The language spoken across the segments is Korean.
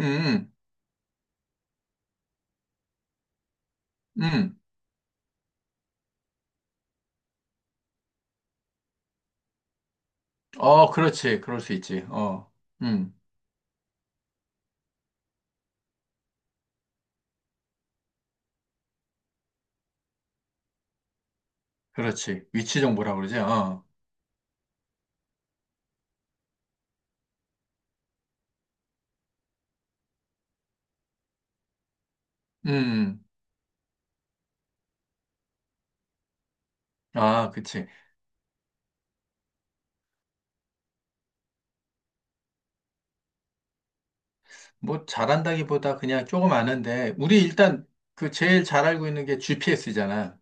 음, 음. 어, 그렇지. 그럴 수 있지. 어, 음, 그렇지. 위치 정보라 그러지. 어, 음. 아, 그치. 뭐, 잘한다기보다 그냥 조금 아는데, 우리 일단 그 제일 잘 알고 있는 게 GPS잖아.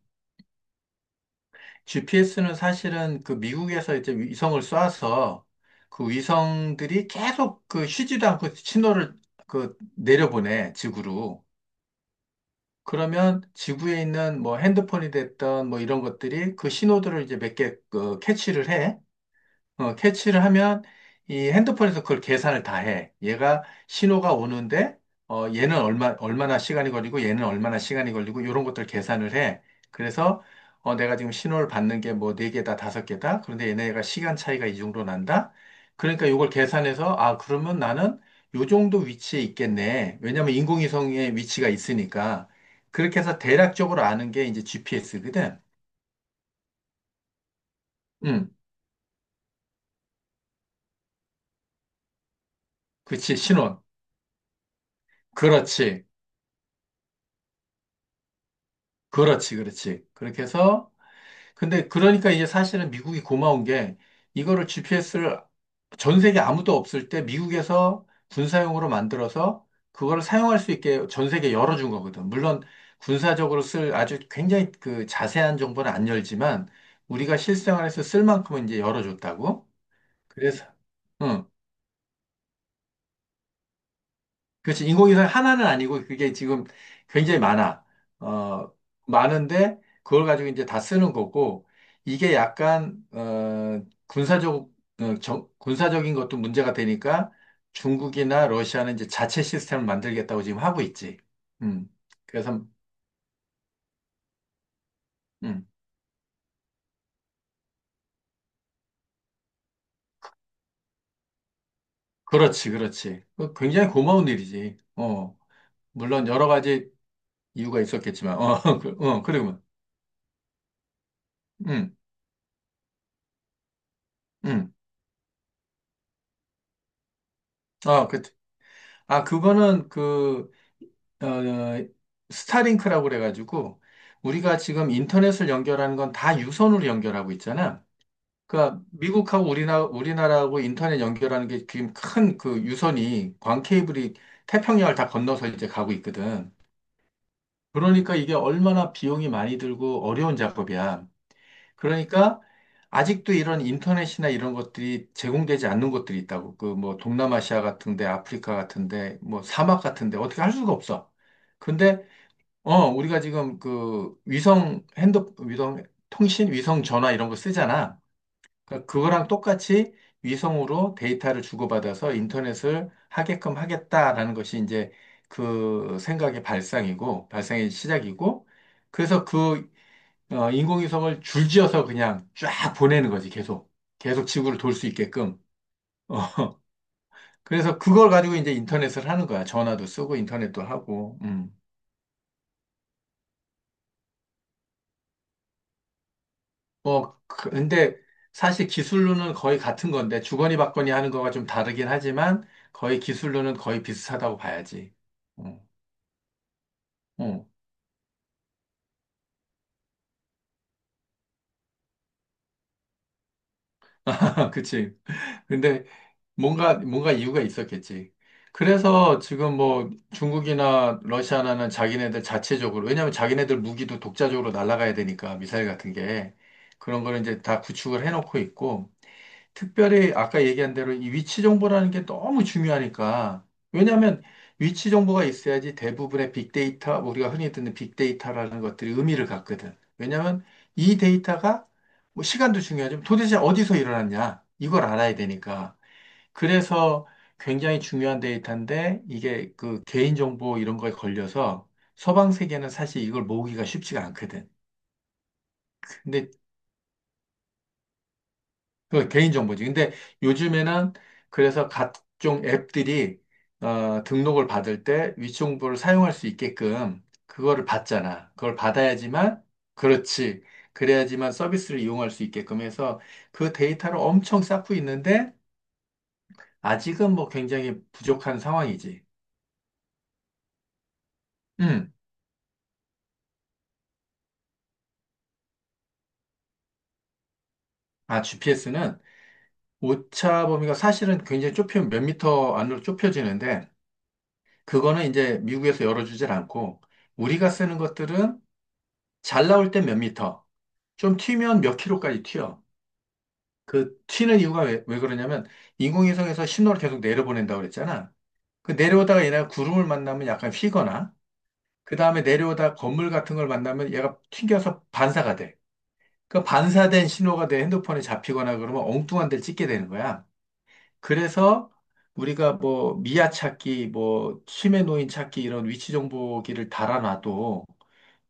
GPS는 사실은 그 미국에서 이제 위성을 쏴서 그 위성들이 계속 그 쉬지도 않고 신호를 그 내려보내, 지구로. 그러면 지구에 있는 뭐 핸드폰이 됐던 뭐 이런 것들이 그 신호들을 이제 몇 개 그 캐치를 해. 어, 캐치를 하면 이 핸드폰에서 그걸 계산을 다 해. 얘가 신호가 오는데 어, 얘는 얼마나 시간이 걸리고 얘는 얼마나 시간이 걸리고 이런 것들 계산을 해. 그래서 어, 내가 지금 신호를 받는 게 뭐 네 개다 다섯 개다. 그런데 얘네가 시간 차이가 이 정도 난다. 그러니까 이걸 계산해서 아 그러면 나는 요 정도 위치에 있겠네. 왜냐면 인공위성의 위치가 있으니까 그렇게 해서 대략적으로 아는 게 이제 GPS거든. 음, 그렇지 신호. 그렇지. 그렇지, 그렇지. 그렇게 해서, 근데 그러니까 이제 사실은 미국이 고마운 게 이거를 GPS를 전 세계 아무도 없을 때 미국에서 군사용으로 만들어서 그걸 사용할 수 있게 전 세계 열어준 거거든. 물론 군사적으로 쓸 아주 굉장히 그 자세한 정보는 안 열지만 우리가 실생활에서 쓸 만큼은 이제 열어줬다고. 그래서, 응. 그렇지. 인공위성 하나는 아니고 그게 지금 굉장히 많아. 어, 많은데 그걸 가지고 이제 다 쓰는 거고 이게 약간 어, 군사적 어, 군사적인 것도 문제가 되니까 중국이나 러시아는 이제 자체 시스템을 만들겠다고 지금 하고 있지. 음. 그래서 음. 그렇지, 그렇지. 그 굉장히 고마운 일이지. 어. 물론 여러 가지 이유가 있었겠지만. 어. 그, 어, 그리고 음. 음. 아, 그 아, 그거는 그 어, 어, 스타링크라고 그래가지고 우리가 지금 인터넷을 연결하는 건 다 유선으로 연결하고 있잖아. 그러니까 미국하고 우리나라하고 인터넷 연결하는 게 지금 큰 그 유선이 광 케이블이 태평양을 다 건너서 이제 가고 있거든. 그러니까 이게 얼마나 비용이 많이 들고 어려운 작업이야. 그러니까 아직도 이런 인터넷이나 이런 것들이 제공되지 않는 것들이 있다고. 그 뭐 동남아시아 같은데, 아프리카 같은데, 뭐 사막 같은데 어떻게 할 수가 없어. 근데 어, 우리가 지금 그 위성 핸드, 위성 통신, 위성 전화 이런 거 쓰잖아. 그러니까 그거랑 똑같이 위성으로 데이터를 주고받아서 인터넷을 하게끔 하겠다라는 것이 이제 그 생각의 발상이고, 발상의 시작이고, 그래서 그 어, 인공위성을 줄지어서 그냥 쫙 보내는 거지, 계속. 계속 지구를 돌 수 있게끔. 어, 그래서 그걸 가지고 이제 인터넷을 하는 거야. 전화도 쓰고 인터넷도 하고. 음. 뭐, 근데 사실 기술로는 거의 같은 건데, 주거니 받거니 하는 거가 좀 다르긴 하지만, 거의 기술로는 거의 비슷하다고 봐야지. 어, 어, 그치. 근데 뭔가 이유가 있었겠지. 그래서 지금 뭐 중국이나 러시아나는 자기네들 자체적으로, 왜냐면 자기네들 무기도 독자적으로 날아가야 되니까, 미사일 같은 게. 그런 거를 이제 다 구축을 해놓고 있고, 특별히 아까 얘기한 대로 이 위치 정보라는 게 너무 중요하니까. 왜냐하면 위치 정보가 있어야지 대부분의 빅데이터, 우리가 흔히 듣는 빅데이터라는 것들이 의미를 갖거든. 왜냐하면 이 데이터가 뭐 시간도 중요하지만 도대체 어디서 일어났냐? 이걸 알아야 되니까. 그래서 굉장히 중요한 데이터인데 이게 그 개인정보 이런 거에 걸려서 서방 세계는 사실 이걸 모으기가 쉽지가 않거든. 근데 그 개인정보지. 근데 요즘에는 그래서 각종 앱들이 어, 등록을 받을 때 위치 정보를 사용할 수 있게끔 그거를 받잖아. 그걸 받아야지만 그렇지. 그래야지만 서비스를 이용할 수 있게끔 해서 그 데이터를 엄청 쌓고 있는데 아직은 뭐 굉장히 부족한 상황이지. 음. 아, GPS는 오차 범위가 사실은 굉장히 좁히면 몇 미터 안으로 좁혀지는데 그거는 이제 미국에서 열어주질 않고 우리가 쓰는 것들은 잘 나올 땐 몇 미터, 좀 튀면 몇 킬로까지 튀어. 그 튀는 이유가 왜 그러냐면 인공위성에서 신호를 계속 내려보낸다고 그랬잖아. 그 내려오다가 얘네가 구름을 만나면 약간 휘거나 그 다음에 내려오다 건물 같은 걸 만나면 얘가 튕겨서 반사가 돼. 그 반사된 신호가 내 핸드폰에 잡히거나 그러면 엉뚱한 데를 찍게 되는 거야. 그래서 우리가 뭐 미아 찾기, 뭐 치매 노인 찾기 이런 위치 정보기를 달아놔도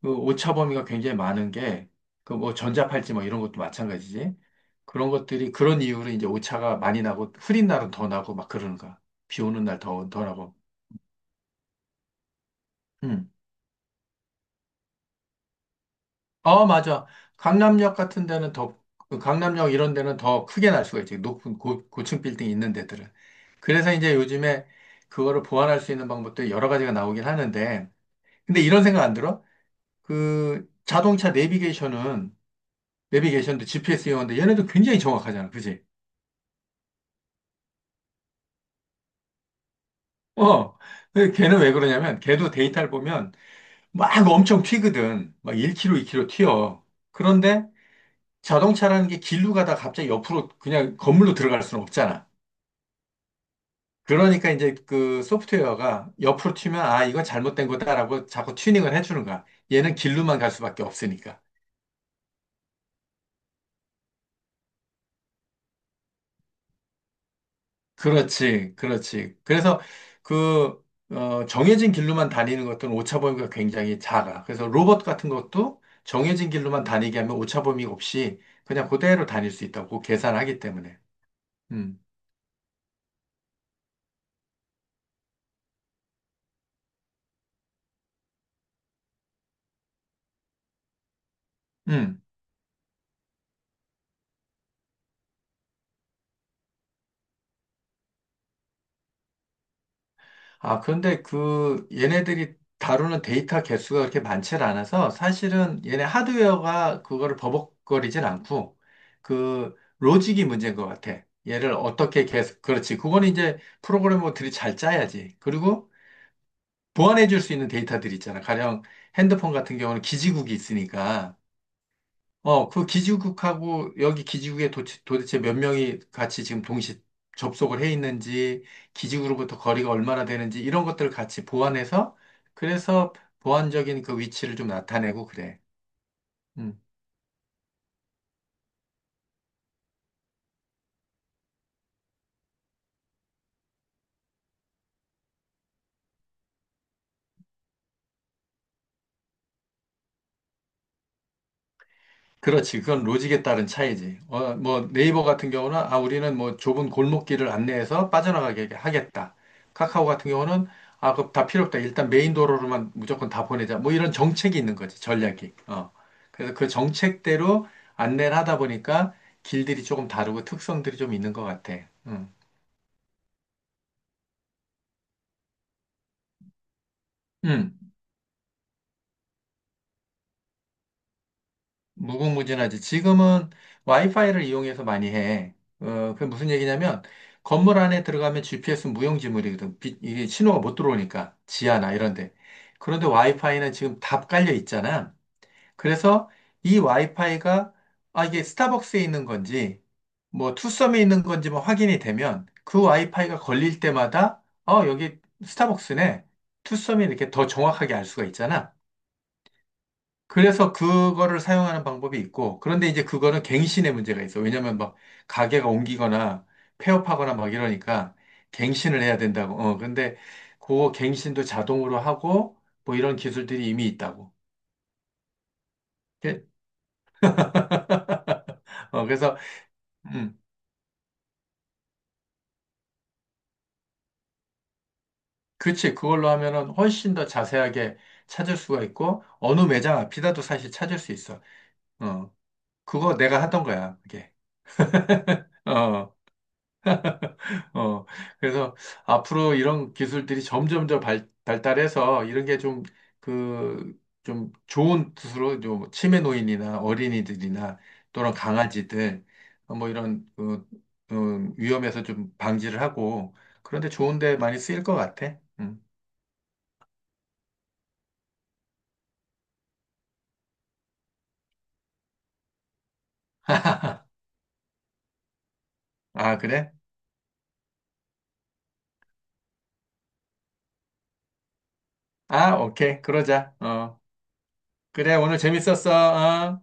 그 오차 범위가 굉장히 많은 게, 그 뭐 전자팔찌 뭐 이런 것도 마찬가지지. 그런 것들이 그런 이유로 이제 오차가 많이 나고 흐린 날은 더 나고 막 그러는 거야. 비 오는 날 더 나고. 음. 어, 맞아. 강남역 같은 데는 더, 그 강남역 이런 데는 더 크게 날 수가 있지. 높은 고층 빌딩 있는 데들은. 그래서 이제 요즘에 그거를 보완할 수 있는 방법도 여러 가지가 나오긴 하는데, 근데 이런 생각 안 들어? 그 자동차 내비게이션은, 내비게이션도 GPS 이용하는데 얘네도 굉장히 정확하잖아. 그치? 어, 근데 걔는 왜 그러냐면, 걔도 데이터를 보면 막 엄청 튀거든. 막 1km, 2km 튀어. 그런데 자동차라는 게 길로 가다가 갑자기 옆으로 그냥 건물로 들어갈 수는 없잖아. 그러니까 이제 그 소프트웨어가 옆으로 튀면, 아, 이건 잘못된 거다라고 자꾸 튜닝을 해주는 거야. 얘는 길로만 갈 수밖에 없으니까. 그렇지, 그렇지. 그래서 그, 어, 정해진 길로만 다니는 것들은 오차범위가 굉장히 작아. 그래서 로봇 같은 것도 정해진 길로만 다니게 하면 오차범위 없이 그냥 그대로 다닐 수 있다고 계산하기 때문에. 음, 음. 아, 그런데 그 얘네들이 다루는 데이터 개수가 그렇게 많지 않아서 사실은 얘네 하드웨어가 그거를 버벅거리진 않고 그 로직이 문제인 것 같아. 얘를 어떻게 계속, 그렇지. 그거는 이제 프로그래머들이 잘 짜야지. 그리고 보완해 줄 수 있는 데이터들이 있잖아. 가령 핸드폰 같은 경우는 기지국이 있으니까, 어, 그 기지국하고 여기 기지국에 도대체 몇 명이 같이 지금 동시 접속을 해 있는지, 기지국으로부터 거리가 얼마나 되는지, 이런 것들을 같이 보완해서, 그래서 보완적인 그 위치를 좀 나타내고 그래. 음. 그렇지. 그건 로직에 따른 차이지. 어, 뭐 네이버 같은 경우는 아 우리는 뭐 좁은 골목길을 안내해서 빠져나가게 하겠다. 카카오 같은 경우는 아 그거 다 필요 없다. 일단 메인 도로로만 무조건 다 보내자. 뭐 이런 정책이 있는 거지. 전략이. 어. 그래서 그 정책대로 안내를 하다 보니까 길들이 조금 다르고 특성들이 좀 있는 것 같아. 음. 음. 무궁무진하지. 지금은 와이파이를 이용해서 많이 해. 어, 그게 무슨 얘기냐면, 건물 안에 들어가면 GPS는 무용지물이거든. 이게 신호가 못 들어오니까. 지하나 이런 데. 그런데 와이파이는 지금 다 깔려 있잖아. 그래서 이 와이파이가, 아, 이게 스타벅스에 있는 건지, 뭐, 투썸에 있는 건지 뭐 확인이 되면, 그 와이파이가 걸릴 때마다, 어, 여기 스타벅스네. 투썸이 이렇게 더 정확하게 알 수가 있잖아. 그래서 그거를 사용하는 방법이 있고, 그런데 이제 그거는 갱신의 문제가 있어. 왜냐면 막 가게가 옮기거나 폐업하거나 막 이러니까 갱신을 해야 된다고. 어, 근데 그 갱신도 자동으로 하고 뭐 이런 기술들이 이미 있다고. 예? 어, 그래서, 음, 그치. 그걸로 하면은 훨씬 더 자세하게 찾을 수가 있고, 어느 매장 앞이라도 사실 찾을 수 있어. 어, 그거 내가 하던 거야, 그게. 어. 어, 그래서 앞으로 이런 기술들이 점점 더 발달해서 이런 게 좀 그, 좀 좋은 뜻으로 좀 치매 노인이나 어린이들이나 또는 강아지들 어, 뭐 이런 그, 위험에서 좀 방지를 하고 그런데 좋은데 많이 쓰일 것 같아. 음. 아, 그래? 아, 오케이. 그러자. 어, 그래. 오늘 재밌었어. 어.